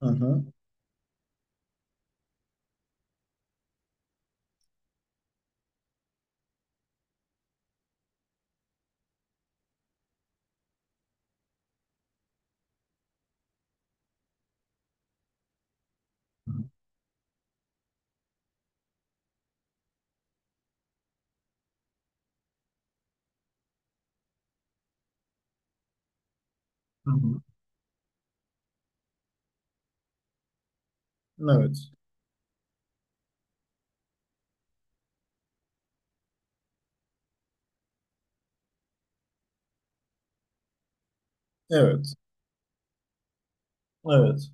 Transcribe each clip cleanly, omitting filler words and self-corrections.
Hı hı. Hı hı. Evet. Evet. Evet.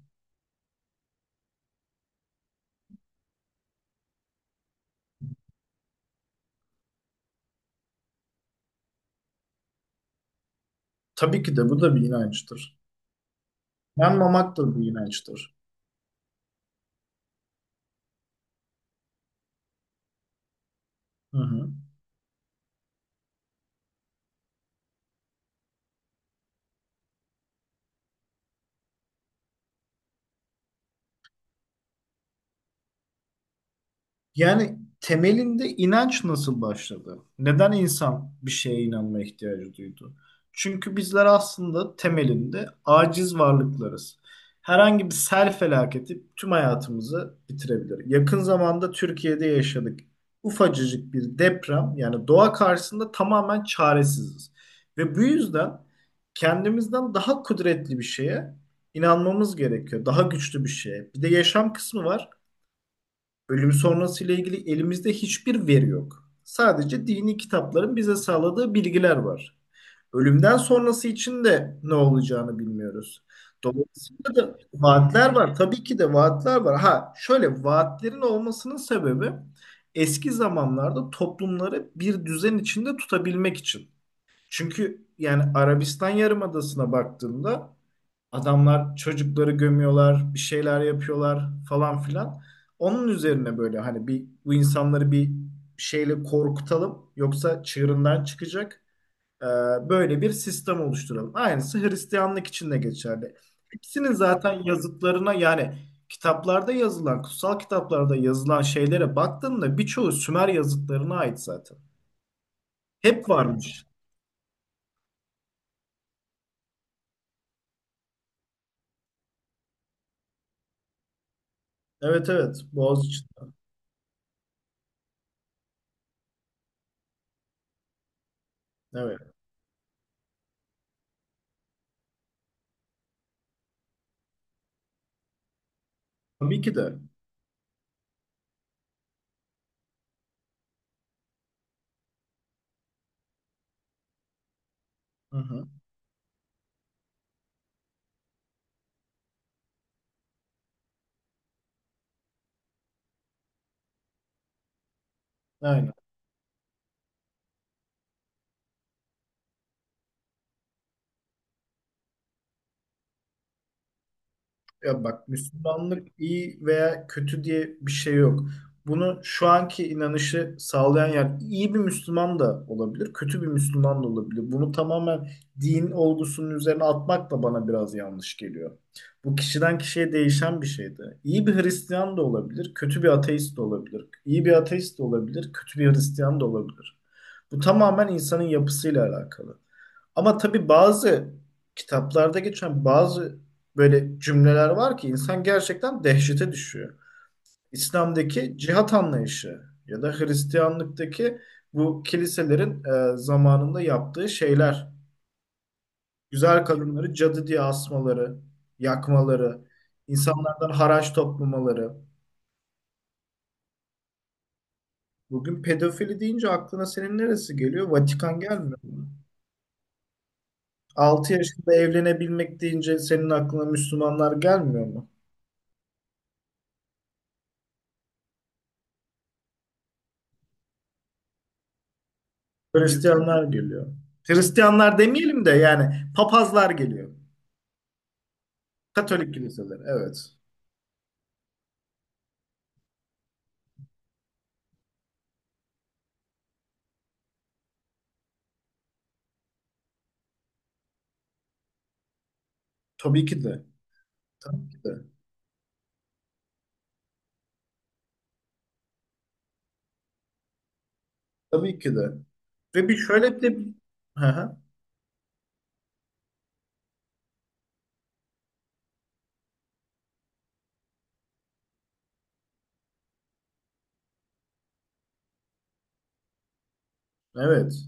Tabii ki de bu da bir inançtır. Yanmamak da bir inançtır. Hı hı. Yani temelinde inanç nasıl başladı? Neden insan bir şeye inanma ihtiyacı duydu? Çünkü bizler aslında temelinde aciz varlıklarız. Herhangi bir sel felaketi tüm hayatımızı bitirebilir. Yakın zamanda Türkiye'de yaşadık. Ufacıcık bir deprem yani doğa karşısında tamamen çaresiziz. Ve bu yüzden kendimizden daha kudretli bir şeye inanmamız gerekiyor. Daha güçlü bir şeye. Bir de yaşam kısmı var. Ölüm sonrası ile ilgili elimizde hiçbir veri yok. Sadece dini kitapların bize sağladığı bilgiler var. Ölümden sonrası için de ne olacağını bilmiyoruz. Dolayısıyla da vaatler var. Tabii ki de vaatler var. Ha şöyle vaatlerin olmasının sebebi eski zamanlarda toplumları bir düzen içinde tutabilmek için. Çünkü yani Arabistan Yarımadası'na baktığında adamlar çocukları gömüyorlar, bir şeyler yapıyorlar falan filan. Onun üzerine böyle hani bir bu insanları bir şeyle korkutalım yoksa çığırından çıkacak. Ee, Böyle bir sistem oluşturalım. Aynısı Hristiyanlık için de geçerli. Hepsinin zaten yazıtlarına yani kitaplarda yazılan, kutsal kitaplarda yazılan şeylere baktığında birçoğu Sümer yazıtlarına ait zaten. Hep varmış. Evet evet, Boğaziçi. Evet. Tabii ki de. Hı hı. Aynen. Ya bak, Müslümanlık iyi veya kötü diye bir şey yok. Bunu şu anki inanışı sağlayan yani iyi bir Müslüman da olabilir, kötü bir Müslüman da olabilir. Bunu tamamen din olgusunun üzerine atmak da bana biraz yanlış geliyor. Bu kişiden kişiye değişen bir şeydi. İyi bir Hristiyan da olabilir, kötü bir ateist de olabilir. İyi bir ateist de olabilir, kötü bir Hristiyan da olabilir. Bu tamamen insanın yapısıyla alakalı. Ama tabii bazı kitaplarda geçen bazı böyle cümleler var ki insan gerçekten dehşete düşüyor. İslam'daki cihat anlayışı ya da Hristiyanlıktaki bu kiliselerin zamanında yaptığı şeyler. Güzel kadınları cadı diye asmaları, yakmaları, insanlardan haraç toplamaları. Bugün pedofili deyince aklına senin neresi geliyor? Vatikan gelmiyor mu? 6 yaşında evlenebilmek deyince senin aklına Müslümanlar gelmiyor mu? Hristiyanlar geliyor. Hristiyanlar demeyelim de yani papazlar geliyor. Katolik kiliseler, evet. Tabii ki de. Tabii ki de. Tabii ki de. Ve bir şöyle bir de... Hı hı. Evet.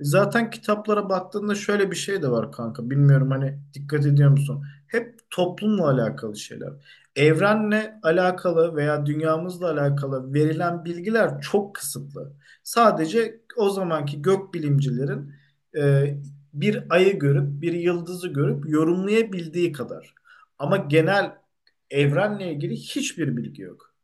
Zaten kitaplara baktığında şöyle bir şey de var kanka. Bilmiyorum hani, dikkat ediyor musun? Hep toplumla alakalı şeyler. Evrenle alakalı veya dünyamızla alakalı verilen bilgiler çok kısıtlı. Sadece o zamanki gökbilimcilerin e, bir ayı görüp bir yıldızı görüp yorumlayabildiği kadar. Ama genel evrenle ilgili hiçbir bilgi yok.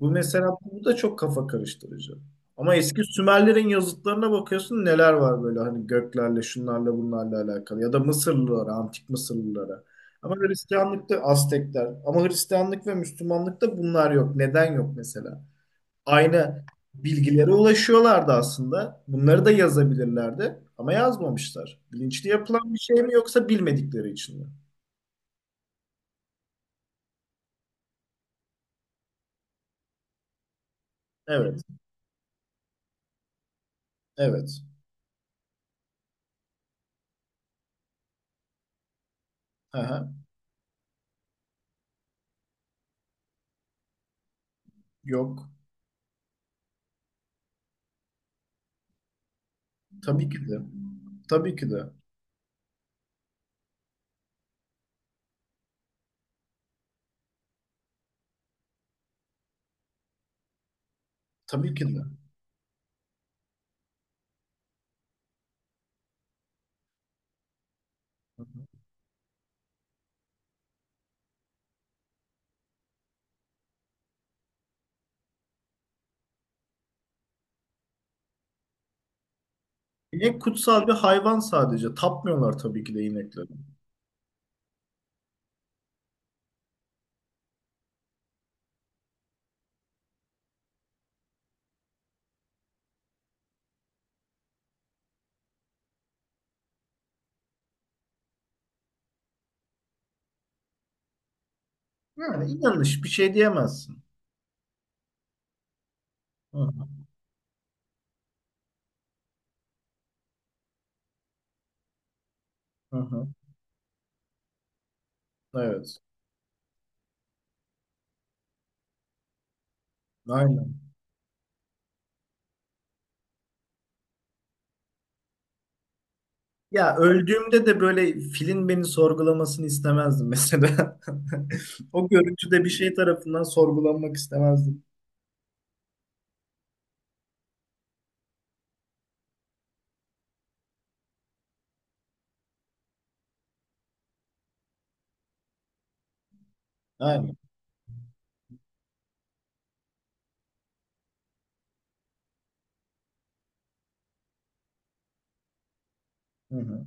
Bu mesela, bu da çok kafa karıştırıcı. Ama eski Sümerlerin yazıtlarına bakıyorsun, neler var böyle hani göklerle şunlarla bunlarla alakalı, ya da Mısırlılara, antik Mısırlılara. Ama Hristiyanlıkta Aztekler, ama Hristiyanlık ve Müslümanlıkta bunlar yok. Neden yok mesela? Aynı bilgilere ulaşıyorlardı aslında. Bunları da yazabilirlerdi ama yazmamışlar. Bilinçli yapılan bir şey mi yoksa bilmedikleri için mi? Evet, evet. Aha, yok. Tabii ki de. Tabii ki de. Tabii ki de. Hı hı. İnek kutsal bir hayvan sadece. Tapmıyorlar tabii ki de inekleri. Yani inanış, bir şey diyemezsin. Hı hı. Hı hı. Evet. Aynen. Ya öldüğümde de böyle filin beni sorgulamasını istemezdim mesela. O görüntüde bir şey tarafından sorgulanmak istemezdim. Aynen. Hı hı.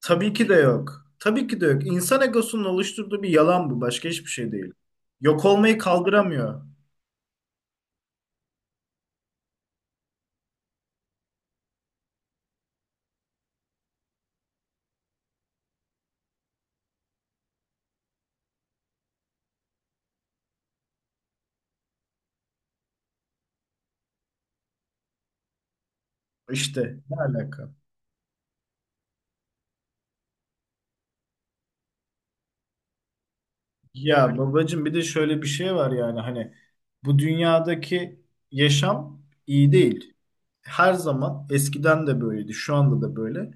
Tabii ki de yok. Tabii ki de yok. İnsan egosunun oluşturduğu bir yalan bu. Başka hiçbir şey değil. Yok olmayı kaldıramıyor. İşte ne alaka? Ya babacığım, bir de şöyle bir şey var yani hani bu dünyadaki yaşam iyi değil. Her zaman eskiden de böyleydi, şu anda da böyle.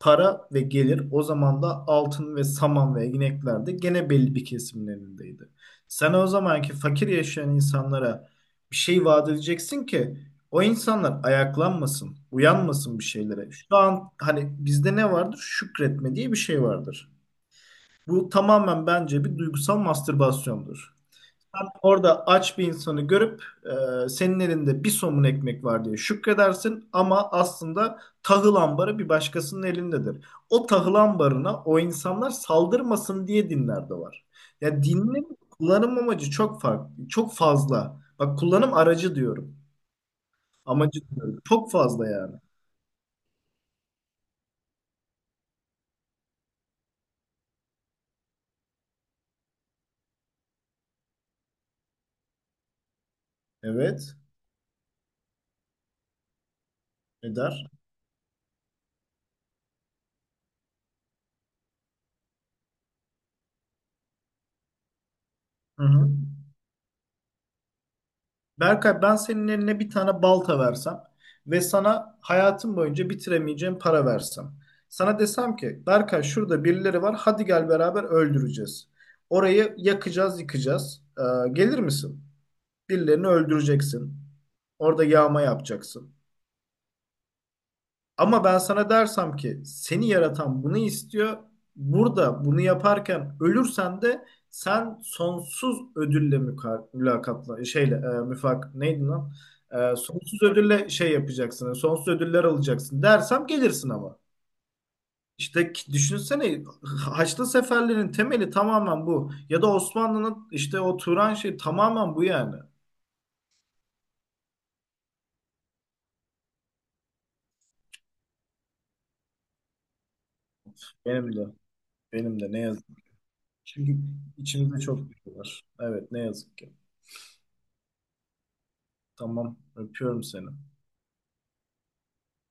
Para ve gelir o zaman da altın ve saman ve ineklerde, gene belli bir kesimin elindeydi. Sen o zamanki fakir yaşayan insanlara bir şey vaat edeceksin ki o insanlar ayaklanmasın, uyanmasın bir şeylere. Şu an hani bizde ne vardır? Şükretme diye bir şey vardır. Bu tamamen bence bir duygusal mastürbasyondur. Sen orada aç bir insanı görüp senin elinde bir somun ekmek var diye şükredersin ama aslında tahıl ambarı bir başkasının elindedir. O tahıl ambarına o insanlar saldırmasın diye dinler de var. Ya, dinin kullanım amacı çok farklı, çok fazla. Bak, kullanım aracı diyorum. Amacı diyorum. Çok fazla yani. Evet. Eder. Hı hı. Berkay, ben senin eline bir tane balta versem ve sana hayatım boyunca bitiremeyeceğim para versem. Sana desem ki Berkay, şurada birileri var, hadi gel beraber öldüreceğiz. Orayı yakacağız, yıkacağız. Gelir misin? Birilerini öldüreceksin. Orada yağma yapacaksın. Ama ben sana dersem ki seni yaratan bunu istiyor. Burada bunu yaparken ölürsen de sen sonsuz ödülle mülakatla şeyle müfak neydi lan? Sonsuz ödülle şey yapacaksın. Sonsuz ödüller alacaksın dersem gelirsin ama. İşte düşünsene, Haçlı seferlerin temeli tamamen bu. Ya da Osmanlı'nın işte o Turan şey, tamamen bu yani. Benim de. Benim de ne yazık ki. Çünkü içimizde çok bir şey var. Evet, ne yazık ki. Tamam. Öpüyorum seni.